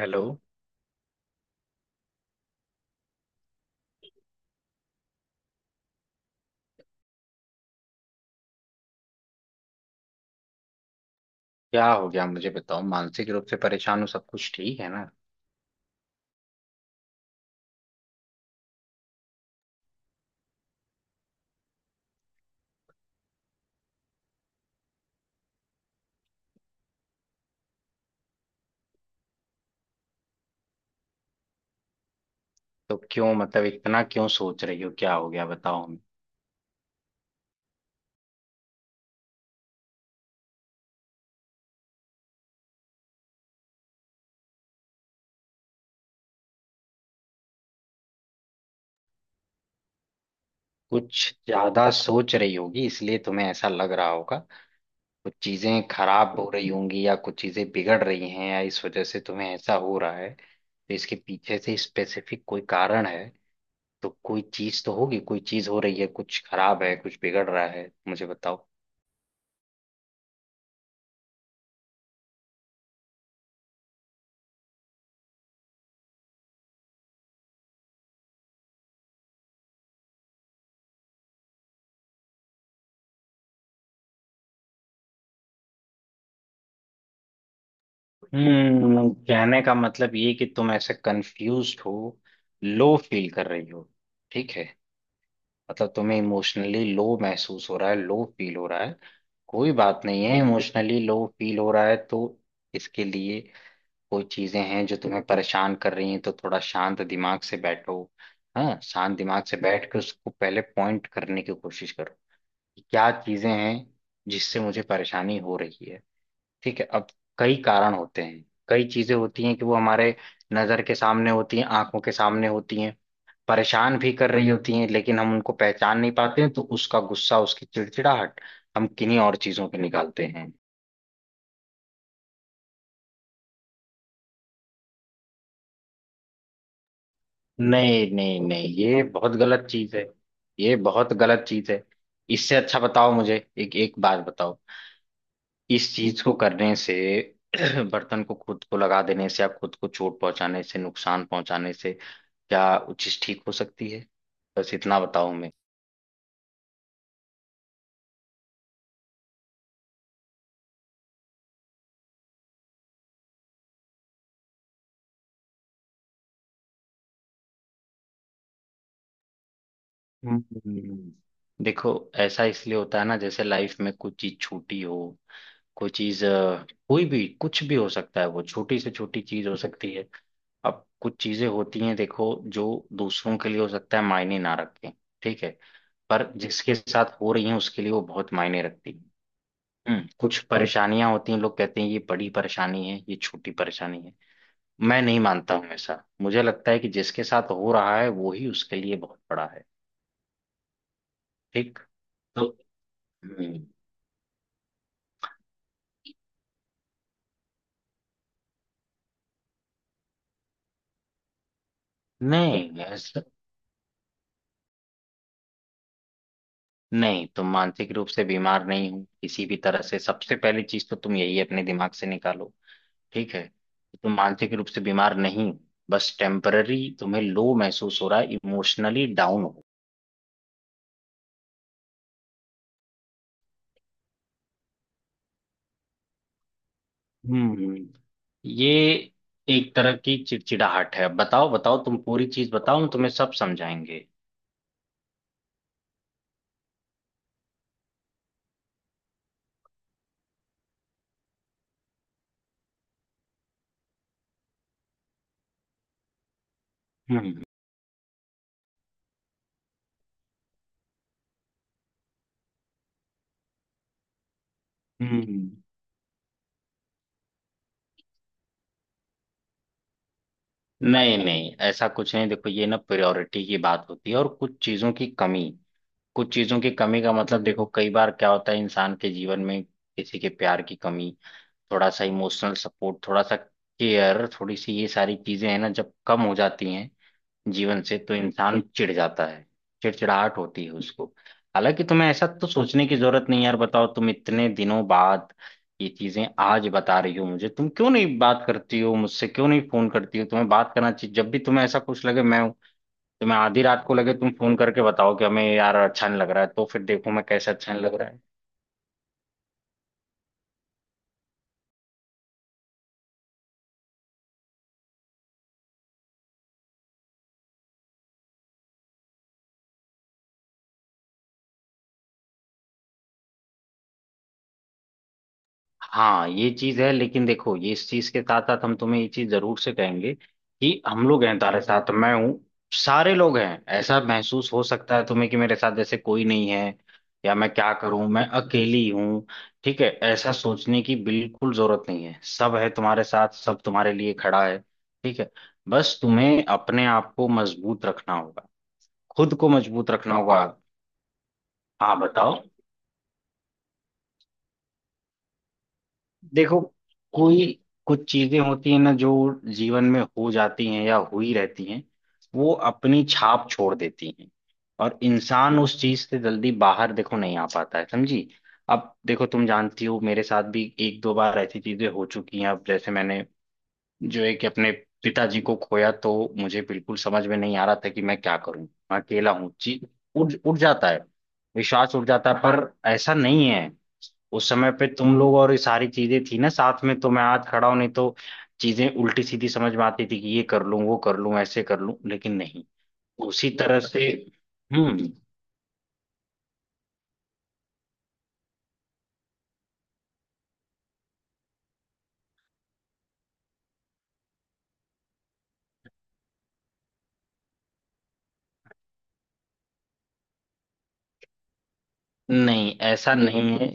Hello. क्या हो गया? मुझे बताओ। मानसिक रूप से परेशान हो, सब कुछ ठीक है ना? तो क्यों, मतलब इतना क्यों सोच रही हो? क्या हो गया बताओ हमें। कुछ ज्यादा सोच रही होगी इसलिए तुम्हें ऐसा लग रहा होगा। कुछ चीजें खराब हो रही होंगी या कुछ चीजें बिगड़ रही हैं या इस वजह से तुम्हें ऐसा हो रहा है, तो इसके पीछे से स्पेसिफिक कोई कारण है? तो कोई चीज तो होगी, कोई चीज हो रही है, कुछ खराब है, कुछ बिगड़ रहा है, मुझे बताओ। हम्म। कहने का मतलब ये कि तुम ऐसे कंफ्यूज हो, लो फील कर रही हो। ठीक है। मतलब तुम्हें इमोशनली लो महसूस हो रहा है, लो फील हो रहा है। कोई बात नहीं है, इमोशनली लो फील हो रहा है तो इसके लिए कोई चीजें हैं जो तुम्हें परेशान कर रही हैं, तो थोड़ा शांत दिमाग से बैठो। हाँ, शांत दिमाग से बैठ कर उसको पहले पॉइंट करने की कोशिश करो कि क्या चीजें हैं जिससे मुझे परेशानी हो रही है। ठीक है। अब कई कारण होते हैं, कई चीजें होती हैं कि वो हमारे नजर के सामने होती हैं, आंखों के सामने होती हैं, परेशान भी कर रही होती हैं, लेकिन हम उनको पहचान नहीं पाते हैं तो उसका गुस्सा, उसकी चिड़चिड़ाहट हम किन्हीं और चीजों पे निकालते हैं। नहीं नहीं नहीं, ये बहुत गलत चीज है। ये बहुत गलत चीज है। इससे अच्छा बताओ मुझे, एक एक बात बताओ। इस चीज को करने से बर्तन को खुद को लगा देने से या खुद को चोट पहुंचाने से, नुकसान पहुंचाने से, क्या वो चीज ठीक हो सकती है? बस इतना बताऊं मैं। हम्म देखो, ऐसा इसलिए होता है ना, जैसे लाइफ में कुछ चीज छोटी हो, कोई चीज कोई भी कुछ भी हो सकता है, वो छोटी से छोटी चीज हो सकती है। अब कुछ चीजें होती हैं देखो, जो दूसरों के लिए हो सकता है मायने ना रखें। ठीक है। पर जिसके साथ हो रही है उसके लिए वो बहुत मायने रखती है। हम्म, कुछ और परेशानियां होती हैं, लोग कहते हैं ये बड़ी परेशानी है, ये छोटी परेशानी है। मैं नहीं मानता हूं ऐसा, मुझे लगता है कि जिसके साथ हो रहा है वो ही उसके लिए बहुत बड़ा है। ठीक। तो हम्म, नहीं, ऐसा नहीं। तुम मानसिक रूप से बीमार नहीं हो किसी भी तरह से, सबसे पहली चीज तो तुम यही अपने दिमाग से निकालो। ठीक है। तुम मानसिक रूप से बीमार नहीं हो, बस टेम्पररी तुम्हें लो महसूस हो रहा है, इमोशनली डाउन हो। हम्म ये एक तरह की चिड़चिड़ाहट है। बताओ बताओ, तुम पूरी चीज बताओ, हम तुम्हें सब समझाएंगे। हम्म। हम्म। नहीं नहीं, ऐसा कुछ नहीं। देखो, ये ना प्रायोरिटी की बात होती है और कुछ चीजों की कमी। कुछ चीजों की कमी का मतलब, देखो कई बार क्या होता है, इंसान के जीवन में किसी के प्यार की कमी, थोड़ा सा इमोशनल सपोर्ट, थोड़ा सा केयर, थोड़ी सी ये सारी चीजें हैं ना, जब कम हो जाती हैं जीवन से तो इंसान चिढ़ जाता है, चिड़चिड़ाहट होती है उसको। हालांकि तुम्हें ऐसा तो सोचने की जरूरत नहीं है यार। बताओ, तुम इतने दिनों बाद ये चीजें आज बता रही हो मुझे, तुम क्यों नहीं बात करती हो मुझसे? क्यों नहीं फोन करती हो? तुम्हें बात करना चाहिए, जब भी तुम्हें ऐसा कुछ लगे, मैं हूं। तुम्हें आधी रात को लगे, तुम फोन करके बताओ कि हमें यार अच्छा नहीं लग रहा है, तो फिर देखो मैं कैसे, अच्छा नहीं लग रहा है। हाँ, ये चीज है, लेकिन देखो, ये इस चीज के साथ साथ हम तुम्हें ये चीज जरूर से कहेंगे कि हम लोग हैं तुम्हारे साथ, मैं हूँ। सारे लोग हैं, ऐसा महसूस हो सकता है तुम्हें कि मेरे साथ जैसे कोई नहीं है, या मैं क्या करूं, मैं अकेली हूँ। ठीक है, ऐसा सोचने की बिल्कुल जरूरत नहीं है, सब है तुम्हारे साथ, सब तुम्हारे लिए खड़ा है। ठीक है। बस तुम्हें अपने आप को मजबूत रखना होगा, खुद को मजबूत रखना होगा। हाँ बताओ, देखो कोई, कुछ चीजें होती हैं ना जो जीवन में हो जाती हैं या हुई रहती हैं, वो अपनी छाप छोड़ देती हैं। और इंसान उस चीज से जल्दी बाहर, देखो, नहीं आ पाता है, समझी? अब देखो, तुम जानती हो मेरे साथ भी एक दो बार ऐसी चीजें हो चुकी हैं। अब जैसे मैंने जो एक अपने पिताजी को खोया, तो मुझे बिल्कुल समझ में नहीं आ रहा था कि मैं क्या करूं, मैं अकेला हूं जी। उड़ उड़ जाता है, विश्वास उड़ जाता है, पर ऐसा नहीं है। उस समय पे तुम लोग और ये सारी चीजें थी ना साथ में, तो मैं आज खड़ा हूं, नहीं तो चीजें उल्टी सीधी समझ में आती थी कि ये कर लूं, वो कर लूं, ऐसे कर लूं, लेकिन नहीं। उसी तरह से। हम्म। नहीं ऐसा नहीं है।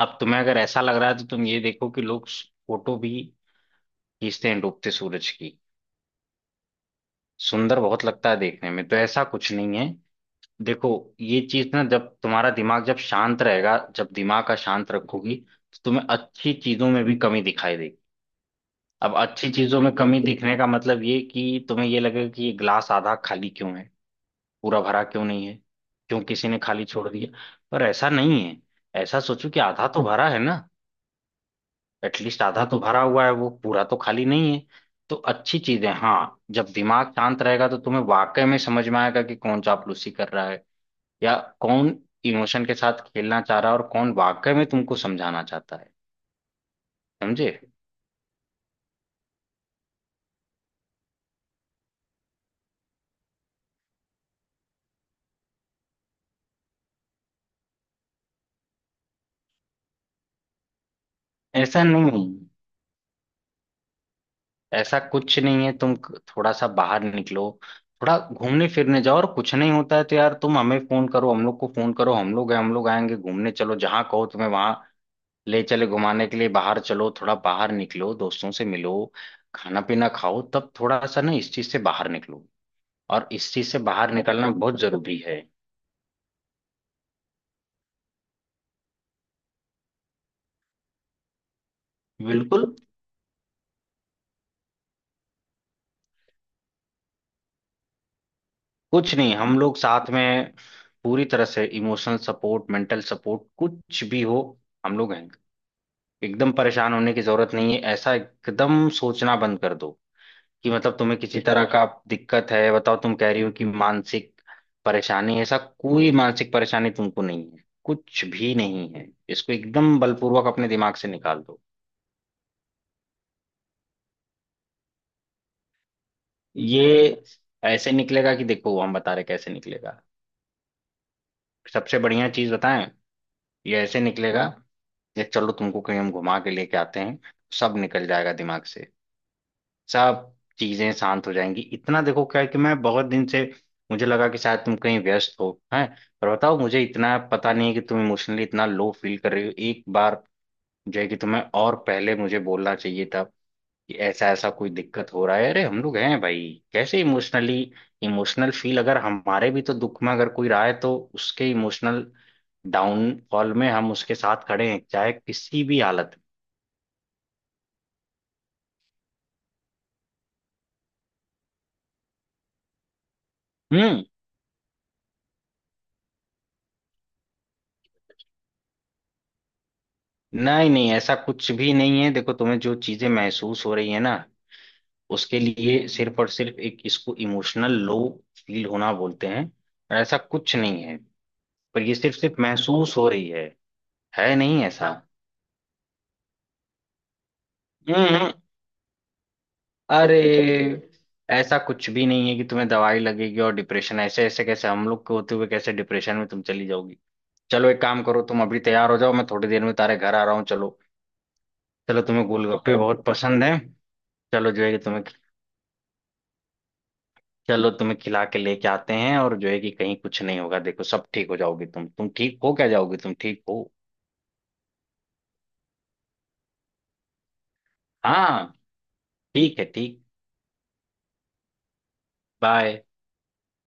अब तुम्हें अगर ऐसा लग रहा है तो तुम ये देखो कि लोग फोटो भी खींचते हैं डूबते सूरज की, सुंदर बहुत लगता है देखने में, तो ऐसा कुछ नहीं है। देखो, ये चीज ना, जब तुम्हारा दिमाग जब शांत रहेगा, जब दिमाग का शांत रखोगी तो तुम्हें अच्छी चीजों में भी कमी दिखाई देगी। अब अच्छी चीजों में कमी दिखने का मतलब ये कि तुम्हें ये लगेगा कि ये ग्लास आधा खाली क्यों है, पूरा भरा क्यों नहीं है, क्यों किसी ने खाली छोड़ दिया। पर ऐसा नहीं है, ऐसा सोचो कि आधा तो भरा है ना, एटलीस्ट आधा तो भरा हुआ है, वो पूरा तो खाली नहीं है। तो अच्छी चीज है, हाँ। जब दिमाग शांत रहेगा तो तुम्हें वाकई में समझ में आएगा कि कौन चापलूसी कर रहा है, या कौन इमोशन के साथ खेलना चाह रहा है, और कौन वाकई में तुमको समझाना चाहता है, समझे? ऐसा नहीं है, ऐसा कुछ नहीं है। तुम थोड़ा सा बाहर निकलो, थोड़ा घूमने फिरने जाओ, और कुछ नहीं होता है तो यार तुम हमें फोन करो, हम लोग को फोन करो, हम लोग हैं, हम लोग आएंगे घूमने, चलो जहां कहो तुम्हें, वहां ले चले घुमाने के लिए। बाहर चलो, थोड़ा बाहर निकलो, दोस्तों से मिलो, खाना पीना खाओ, तब थोड़ा सा ना इस चीज से बाहर निकलो। और इस चीज से बाहर निकलना बहुत जरूरी है। बिल्कुल कुछ नहीं, हम लोग साथ में पूरी तरह से इमोशनल सपोर्ट, मेंटल सपोर्ट, कुछ भी हो, हम लोग हैं। एकदम परेशान होने की जरूरत नहीं है, ऐसा एकदम सोचना बंद कर दो कि मतलब तुम्हें किसी तरह का दिक्कत है। बताओ, तुम कह रही हो कि मानसिक परेशानी है, ऐसा कोई मानसिक परेशानी तुमको नहीं है, कुछ भी नहीं है, इसको एकदम बलपूर्वक अपने दिमाग से निकाल दो। ये ऐसे निकलेगा कि देखो, हम बता रहे कैसे निकलेगा। सबसे बढ़िया चीज बताएं, ये ऐसे निकलेगा। ये चलो, तुमको कहीं हम घुमा के लेके आते हैं, सब निकल जाएगा दिमाग से, सब चीजें शांत हो जाएंगी। इतना देखो क्या है कि मैं बहुत दिन से, मुझे लगा कि शायद तुम कहीं व्यस्त हो। हैं, पर बताओ मुझे, इतना पता नहीं है कि तुम इमोशनली इतना लो फील कर रही हो। एक बार जो है कि तुम्हें, और पहले मुझे बोलना चाहिए था कि ऐसा ऐसा कोई दिक्कत हो रहा है, अरे हम लोग हैं भाई। कैसे इमोशनली, इमोशनल फील, अगर हमारे भी तो दुख में अगर कोई रहा है तो उसके इमोशनल डाउनफॉल में हम उसके साथ खड़े हैं, चाहे किसी भी हालत में। नहीं नहीं, ऐसा कुछ भी नहीं है। देखो, तुम्हें जो चीजें महसूस हो रही है ना, उसके लिए सिर्फ और सिर्फ एक, इसको इमोशनल लो फील होना बोलते हैं, और ऐसा कुछ नहीं है, पर ये सिर्फ सिर्फ महसूस हो रही है नहीं ऐसा। हम्म अरे, ऐसा कुछ भी नहीं है कि तुम्हें दवाई लगेगी और डिप्रेशन, ऐसे ऐसे कैसे, हम लोग के होते हुए कैसे डिप्रेशन में तुम चली जाओगी। चलो एक काम करो, तुम अभी तैयार हो जाओ, मैं थोड़ी देर में तुम्हारे घर आ रहा हूँ। चलो, चलो तुम्हें गोलगप्पे बहुत पसंद है। चलो जो है कि तुम्हें, चलो तुम्हें खिला के लेके आते हैं, और जो है कि कहीं कुछ नहीं होगा, देखो सब ठीक हो जाओगी तुम ठीक हो क्या, जाओगी, तुम ठीक हो। हाँ, ठीक है ठीक। बाय।